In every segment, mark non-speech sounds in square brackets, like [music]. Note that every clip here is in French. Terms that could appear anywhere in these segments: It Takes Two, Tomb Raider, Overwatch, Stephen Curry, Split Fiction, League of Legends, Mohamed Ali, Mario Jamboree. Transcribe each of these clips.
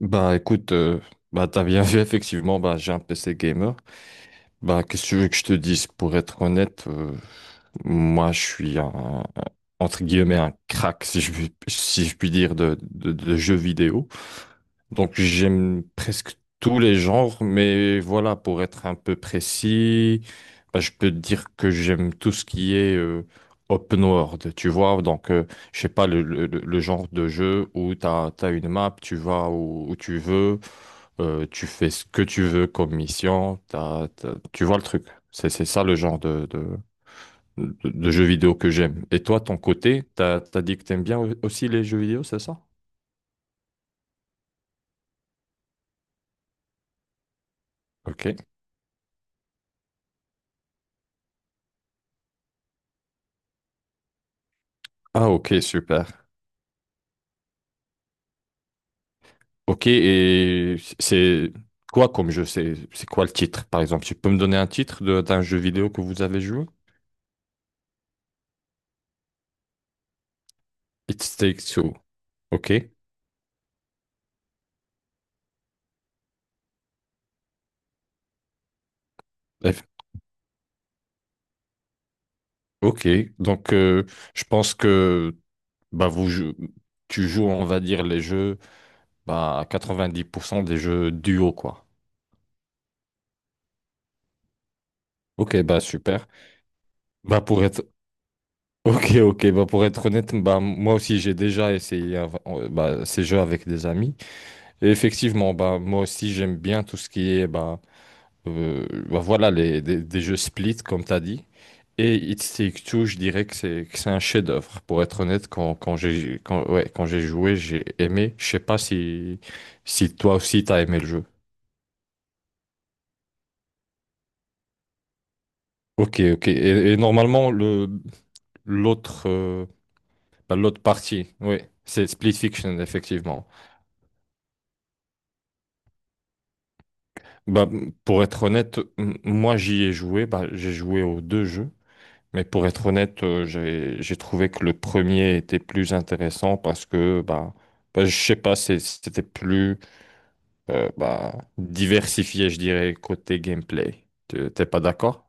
Bah écoute, bah t'as bien vu [laughs] effectivement, bah j'ai un PC gamer. Bah qu'est-ce que tu veux que je te dise? Pour être honnête, moi je suis un- entre guillemets un crack si je puis dire de jeux vidéo. Donc j'aime presque tous les genres, mais voilà, pour être un peu précis, bah, je peux te dire que j'aime tout ce qui est open world, tu vois. Donc je sais pas le genre de jeu où tu as, une map, tu vas où, où tu veux, tu fais ce que tu veux comme mission, tu vois le truc. C'est ça le genre de jeu vidéo que j'aime. Et toi, ton côté, t'as dit que t'aimes bien aussi les jeux vidéo, c'est ça? Ok. Ah, ok, super. Ok, et c'est quoi comme jeu? C'est quoi le titre, par exemple? Tu peux me donner un titre d'un jeu vidéo que vous avez joué? It Takes Two. Ok. F- Ok. Donc, je pense que bah, vous, jou- tu joues, on va dire, les jeux, bah, à 90% des jeux duo, quoi. Ok, bah super. Bah pour être [laughs] ok, ok, bah pour être honnête, bah moi aussi j'ai déjà essayé bah, ces jeux avec des amis. Et effectivement, bah moi aussi j'aime bien tout ce qui est bah bah voilà, des jeux Split, comme tu as dit. Et It Takes Two, je dirais que c'est un chef-d'œuvre. Pour être honnête, quand j'ai joué, j'ai aimé. Je sais pas si, si toi aussi t'as aimé le jeu. Ok, ok. Et normalement, le l'autre l'autre partie, oui, c'est Split Fiction, effectivement. Bah, pour être honnête, moi j'y ai joué. Bah, j'ai joué aux deux jeux. Mais pour être honnête, j'ai trouvé que le premier était plus intéressant parce que bah, bah je sais pas, c'était plus bah, diversifié, je dirais, côté gameplay. T'es pas d'accord?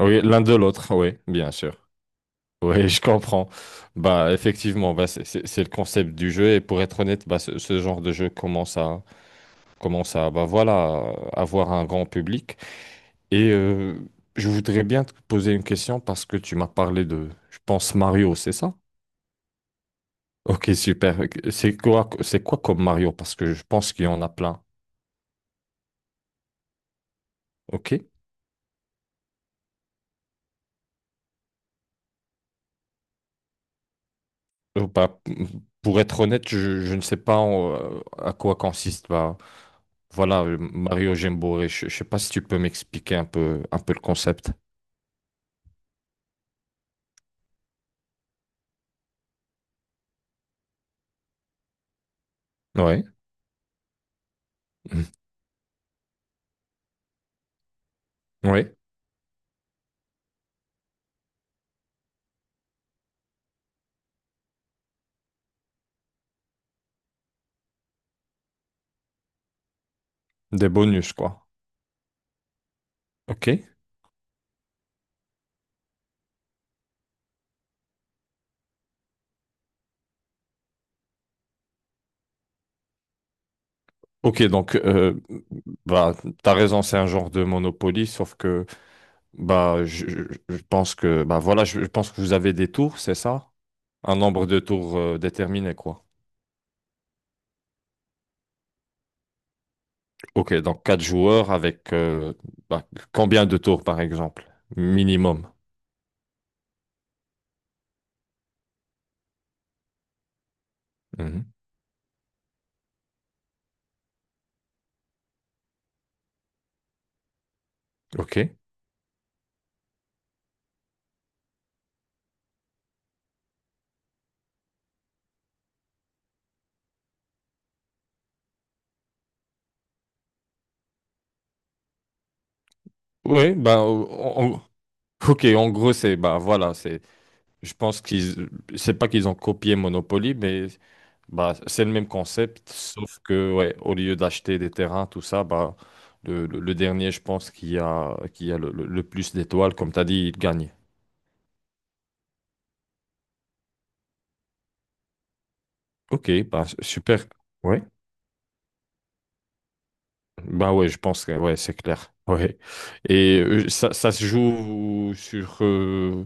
Oui, l'un de l'autre, oui, bien sûr. Oui, [laughs] je comprends. Bah effectivement, bah, c'est le concept du jeu et pour être honnête, bah, ce genre de jeu commence à commence à bah voilà, avoir un grand public. Et je voudrais bien te poser une question parce que tu m'as parlé de, je pense, Mario, c'est ça? Ok, super. C'est quoi comme Mario? Parce que je pense qu'il y en a plein. Ok? Bah, pour être honnête, je ne sais pas à quoi consiste. Bah, voilà, Mario Jamboree. Je ne sais pas si tu peux m'expliquer un peu le concept. Ouais. Mhm. Ouais. Des bonus, quoi. Ok. Ok, donc bah t'as raison, c'est un genre de Monopoly, sauf que bah je pense que bah voilà, je pense que vous avez des tours, c'est ça? Un nombre de tours déterminé, quoi. Ok, donc quatre joueurs avec bah, combien de tours par exemple? Minimum. Mhm. Ok. Oui, o- ok, en gros c'est bah voilà, c'est Je pense qu'ils, c'est pas qu'ils ont copié Monopoly, mais bah, c'est le même concept, sauf que ouais, au lieu d'acheter des terrains, tout ça, bah, le dernier, je pense, qui a le plus d'étoiles, comme tu as dit, il gagne. Ok, bah, super. Ouais. Bah ouais, je pense que ouais, c'est clair. Ouais. Et ça se joue sur,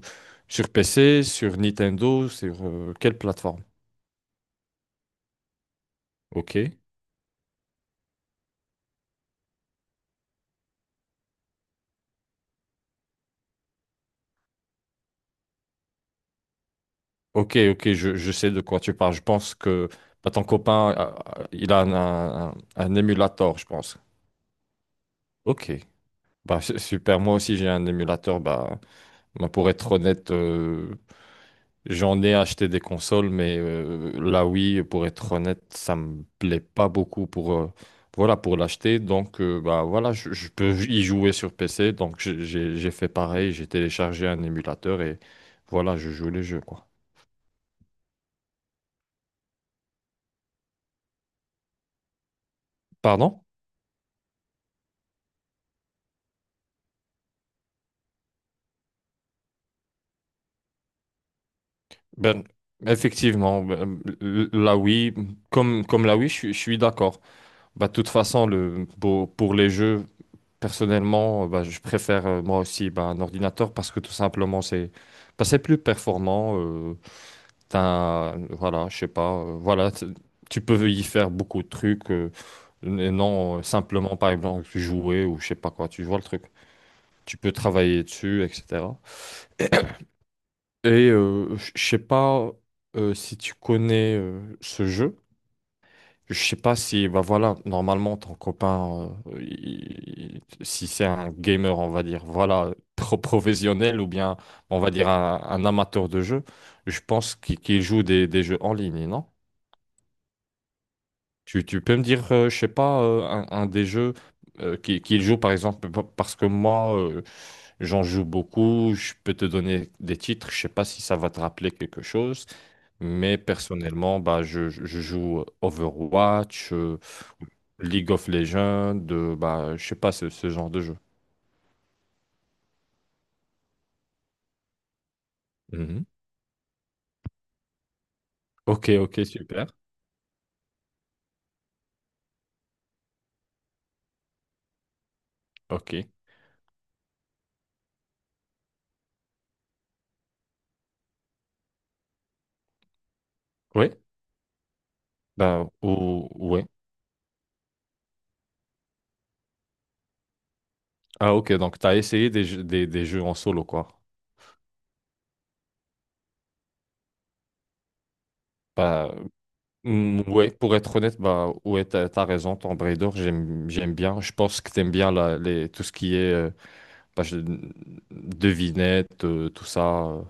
sur PC, sur Nintendo, sur quelle plateforme? Ok. Ok, ok, je sais de quoi tu parles. Je pense que bah, ton copain, il a un émulateur, je pense. Ok, bah c'est super. Moi aussi, j'ai un émulateur. Bah, pour être honnête, j'en ai acheté des consoles, mais la Wii, pour être honnête, ça me plaît pas beaucoup pour voilà pour l'acheter. Donc bah voilà, je peux y jouer sur PC. Donc j'ai fait pareil. J'ai téléchargé un émulateur et voilà, je joue les jeux quoi. Pardon? Ben, effectivement, ben, là oui, comme là oui, je suis d'accord. Bah, de toute façon, pour les jeux, personnellement, bah, je préfère moi aussi bah, un ordinateur parce que tout simplement, c'est bah, c'est plus performant. T'as voilà, je sais pas, tu peux y faire beaucoup de trucs, et non simplement, par exemple, jouer ou je sais pas quoi, tu vois le truc. Tu peux travailler dessus, etc. Et je sais pas si tu connais ce jeu. Je sais pas si, bah voilà, normalement, ton copain, si c'est un gamer, on va dire, voilà, professionnel ou bien, on va dire, un amateur de jeu, je pense qu'il joue des jeux en ligne, non? Tu peux me dire, je sais pas, un des jeux qu'il joue, par exemple, parce que moi, j'en joue beaucoup, je peux te donner des titres, je sais pas si ça va te rappeler quelque chose, mais personnellement, bah, je joue Overwatch, League of Legends, bah, je sais pas ce genre de jeu. Mhm. Ok, ok, super. Ok. Oui, ouais. Ah, ok, donc tu as essayé des jeux en solo, quoi. Bah, mm, ouais, pour être honnête, bah, ouais, t'as raison, Tomb Raider, j'aime bien. Je pense que t'aimes bien tout ce qui est bah, je- devinette,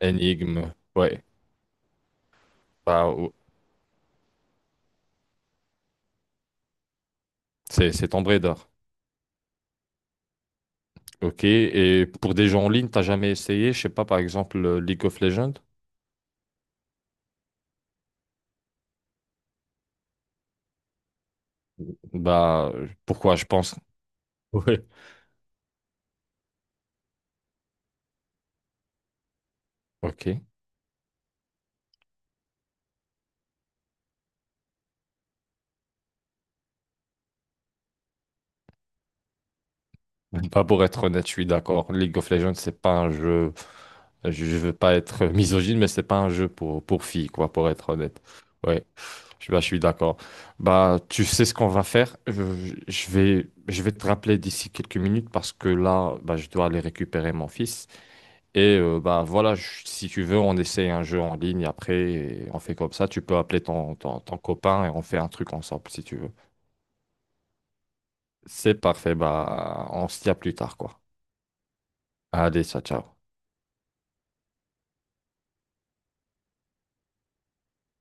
énigme. Ouais, bah, ou- c'est Tomb Raider. Ok, et pour des jeux en ligne, t'as jamais essayé, je sais pas, par exemple League of Legends? Pourquoi je pense? [laughs] Ouais. Ok. Bah, pour être honnête, je suis d'accord. League of Legends, c'est pas un jeu. Je veux pas être misogyne, mais c'est pas un jeu pour filles, quoi, pour être honnête. Ouais. Je suis d'accord. Bah, tu sais ce qu'on va faire. Je vais te rappeler d'ici quelques minutes parce que là, bah, je dois aller récupérer mon fils. Et bah, voilà, si tu veux, on essaie un jeu en ligne après et on fait comme ça. Tu peux appeler ton copain et on fait un truc ensemble si tu veux. C'est parfait. Bah, on se dit à plus tard, quoi. Allez, ciao, ciao.